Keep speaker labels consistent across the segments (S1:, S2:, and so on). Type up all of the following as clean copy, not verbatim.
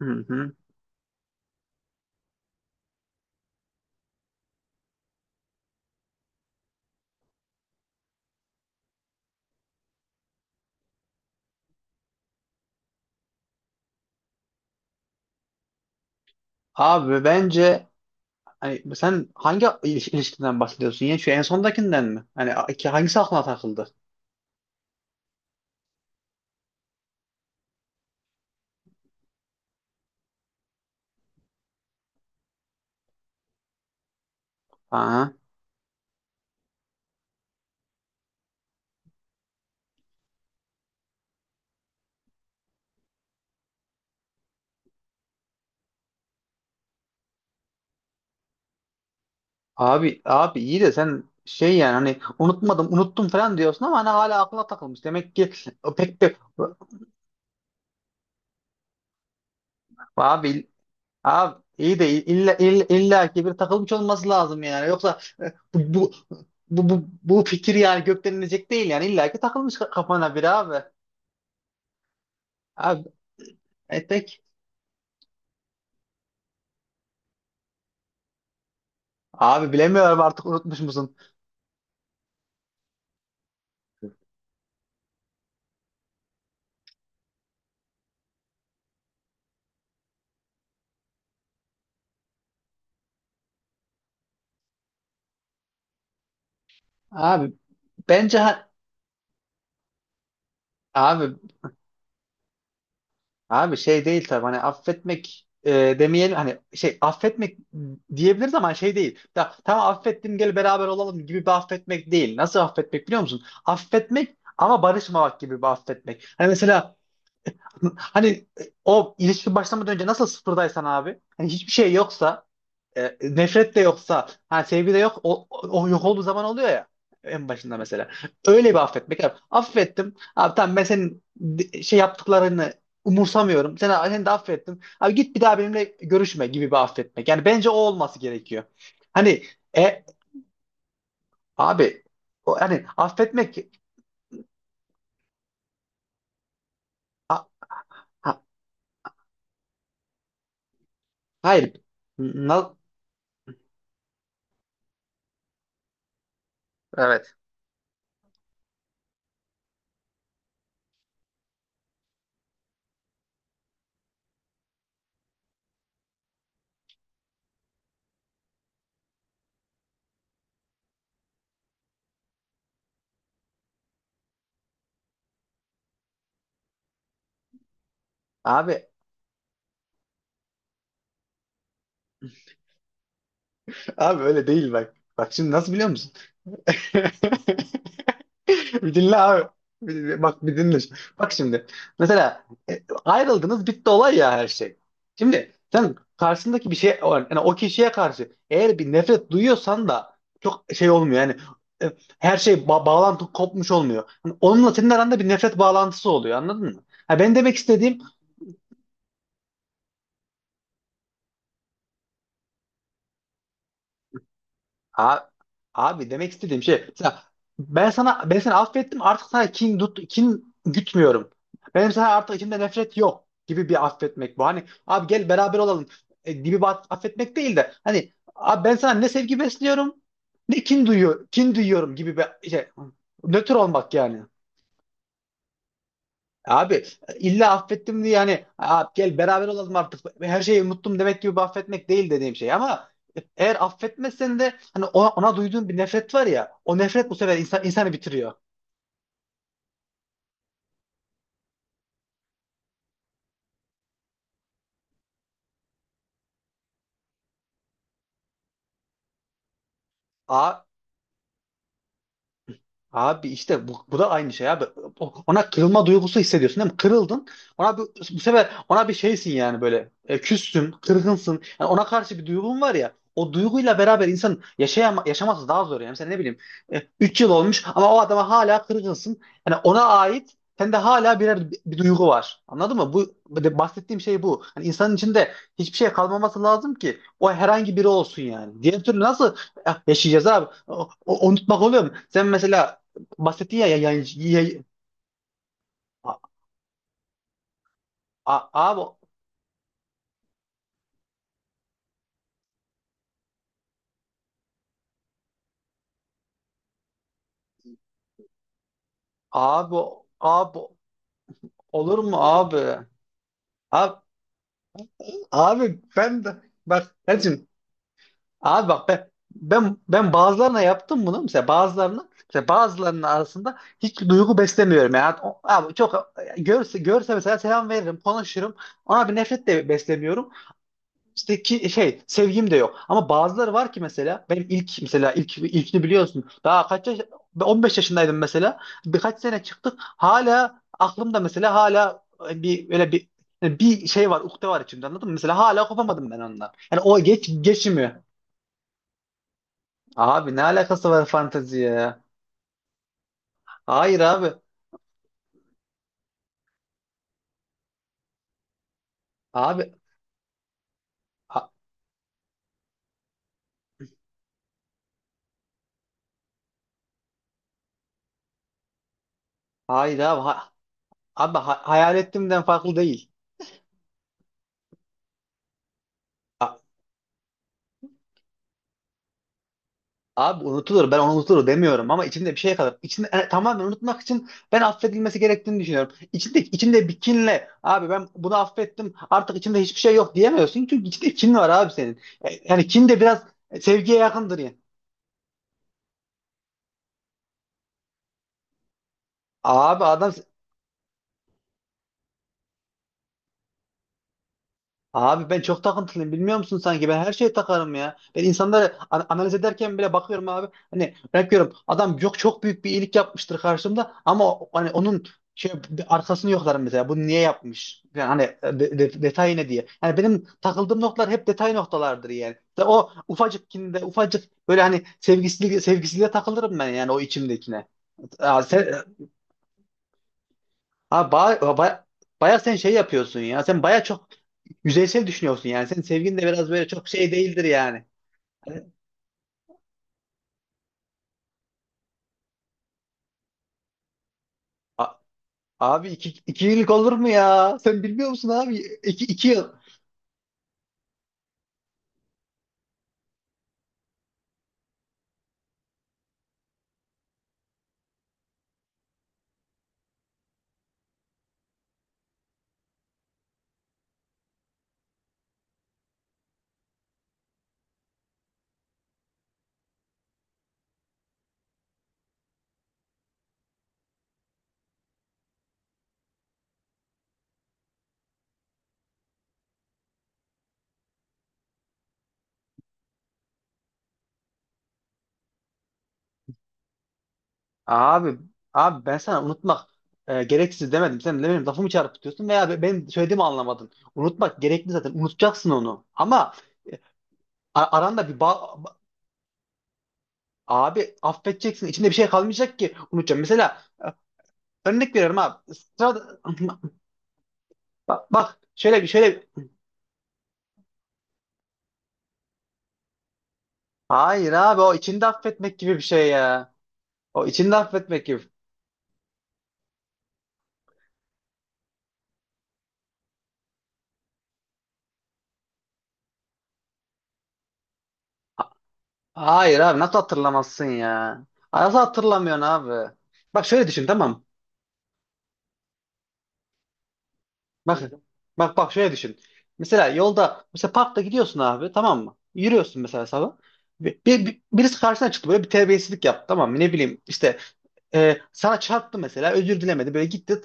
S1: Hı hı. Abi bence hani sen hangi ilişkiden bahsediyorsun ya? Şu en sondakinden mi? Hani ki hangisi aklına takıldı? Ha. Abi iyi de sen şey yani hani unutmadım unuttum falan diyorsun ama hani hala aklına takılmış. Demek ki o pek de abi abi iyi de illa ki bir takılmış olması lazım yani. Yoksa bu fikir yani gökten inecek değil, yani illa ki takılmış kafana bir abi. Abi etek, abi bilemiyorum artık, unutmuş musun? Abi bence abi abi şey değil tabii, hani affetmek, demeyelim, hani şey affetmek diyebiliriz ama şey değil. Ta, tamam affettim gel beraber olalım gibi bir affetmek değil. Nasıl affetmek biliyor musun? Affetmek ama barışmamak gibi bir affetmek. Hani mesela, hani o ilişki başlamadan önce nasıl sıfırdaysan abi, hani hiçbir şey yoksa, nefret de yoksa, ha sevgi de yok, o yok olduğu zaman oluyor ya en başında mesela. Öyle bir affetmek. Abi, affettim. Abi tamam, ben senin şey yaptıklarını umursamıyorum. Seni de affettim. Abi git bir daha benimle görüşme gibi bir affetmek. Yani bence o olması gerekiyor. Hani e, abi, o, hani affetmek. ha, hayır. Na- evet. Abi abi öyle değil bak. Bak şimdi, nasıl biliyor musun? Bir dinle abi. Bak bir dinle şimdi. Bak şimdi. Mesela ayrıldınız, bitti olay ya, her şey. Şimdi sen karşısındaki bir şey, yani o kişiye karşı eğer bir nefret duyuyorsan da çok şey olmuyor yani, e, her şey, bağlantı kopmuş olmuyor. Hani onunla senin aranda bir nefret bağlantısı oluyor, anladın mı? Ha, ben demek istediğim. Abi, abi demek istediğim şey mesela, ben sana, ben seni affettim artık, sana kin gütmüyorum. Benim sana artık içimde nefret yok gibi bir affetmek bu. Hani abi gel beraber olalım, gibi bir affetmek değil de, hani abi ben sana ne sevgi besliyorum, ne kin duyuyorum gibi bir şey, nötr olmak yani. Abi illa affettim diye yani, "Aa, gel beraber olalım, artık her şeyi unuttum" demek gibi bir affetmek değil dediğim şey, ama eğer affetmezsen de hani, ona duyduğun bir nefret var ya, o nefret bu sefer insanı bitiriyor. Aa. Abi işte bu da aynı şey abi. Ona kırılma duygusu hissediyorsun değil mi? Kırıldın. Ona bir, bu sefer ona bir şeysin yani, böyle. E, küstün, kırgınsın. Yani ona karşı bir duygun var ya. O duyguyla beraber insan yaşaması daha zor yani. Mesela ne bileyim, 3 yıl olmuş ama o adama hala kırgınsın. Yani ona ait sende hala bir duygu var. Anladın mı? Bu bahsettiğim şey bu. Hani insanın içinde hiçbir şey kalmaması lazım ki o herhangi biri olsun yani. Diğer türlü nasıl yaşayacağız abi? Unutmak oluyor mu? Sen mesela bahsetti ya, yayıncı. A- a- abi abi Abi olur mu abi? Abi, abi ben de, bak Ercim, abi bak ben bazılarına yaptım bunu mesela, bazılarına mesela, bazılarının arasında hiç duygu beslemiyorum yani. Abi çok görse görse mesela selam veririm, konuşurum, ona bir nefret de beslemiyorum. İşte ki şey, sevgim de yok. Ama bazıları var ki mesela, benim ilk, mesela ilkini biliyorsun. Daha kaç yaş, 15 yaşındaydım mesela. Birkaç sene çıktık. Hala aklımda mesela, hala bir öyle bir, bir şey var, ukde var içimde, anladın mı? Mesela hala kopamadım ben ondan. Yani o geç geçmiyor. Abi ne alakası var fantezi ya? Hayır abi. Abi ha- hayır abi. Abi, hayal ettiğimden farklı değil. Abi unutulur. Ben onu unutulur demiyorum ama içinde bir şey kalır. İçinde, tamamen unutmak için ben affedilmesi gerektiğini düşünüyorum. İçinde bir kinle abi, ben bunu affettim, artık içimde hiçbir şey yok diyemiyorsun. Çünkü içinde kin var abi senin. Yani kin de biraz sevgiye yakındır ya. Abi adam. Abi ben çok takıntılıyım, bilmiyor musun, sanki ben her şeye takarım ya. Ben insanları analiz ederken bile bakıyorum abi. Hani örnek, adam yok, çok büyük bir iyilik yapmıştır karşımda, ama hani onun şey, bir arkasını yoklarım mesela, bunu niye yapmış? Yani hani, detayı ne diye. Yani benim takıldığım noktalar hep detay noktalardır yani. İşte o ufacık kinde, ufacık, böyle hani sevgisizliğe takılırım ben, yani o içimdekine. Aa, sen, ha, ba, ba, baya sen şey yapıyorsun ya, sen baya çok yüzeysel düşünüyorsun yani. Senin sevgin de biraz böyle çok şey değildir yani. Hani, a- abi iki yıllık, olur mu ya? Sen bilmiyor musun abi? İki yıl. Abi, abi ben sana unutmak gereksiz demedim. Sen de benim lafımı çarpıtıyorsun veya benim söylediğimi anlamadın. Unutmak gerekli zaten. Unutacaksın onu. Ama e, aranda bir bağ... Abi affedeceksin. İçinde bir şey kalmayacak ki unutacağım. Mesela örnek veriyorum abi. Sırada... Bak, bak, hayır abi, o içinde affetmek gibi bir şey ya. O içinde affetmek gibi. Hayır abi, nasıl hatırlamazsın ya? Ay, nasıl hatırlamıyorsun abi? Bak şöyle düşün, tamam mı? Bak bak şöyle düşün. Mesela yolda, mesela parkta gidiyorsun abi, tamam mı? Yürüyorsun mesela sabah. Birisi karşına çıktı, böyle bir terbiyesizlik yaptı, tamam mı? Ne bileyim işte, sana çarptı mesela, özür dilemedi, böyle gitti.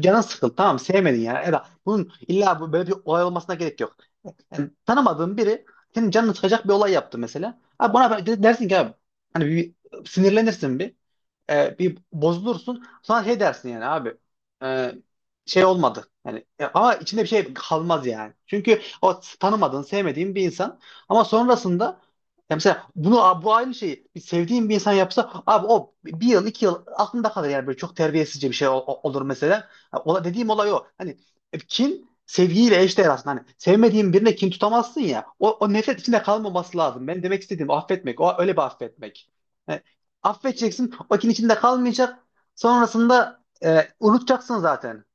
S1: Canın sıkıldı, tamam mı? Sevmedin yani. Eda, bunun illa böyle bir olay olmasına gerek yok. Yani tanımadığın biri senin canını sıkacak bir olay yaptı mesela. Abi buna dersin ki abi, hani bir sinirlenirsin, bir bir bozulursun, sonra şey dersin yani abi, e, şey olmadı. Yani ama içinde bir şey kalmaz yani. Çünkü o tanımadığın, sevmediğin bir insan, ama sonrasında ya, mesela bunu, bu aynı şeyi bir sevdiğin bir insan yapsa abi, o bir yıl 2 yıl aklında kalır yani, böyle çok terbiyesizce bir şey olur mesela. Ha, ola, dediğim olay o. Hani kin sevgiyle eşdeğer aslında. Hani sevmediğin birine kin tutamazsın ya. O nefret içinde kalmaması lazım. Ben demek istediğim o affetmek. O öyle bir affetmek. Yani affedeceksin. O kin içinde kalmayacak. Sonrasında unutacaksın zaten.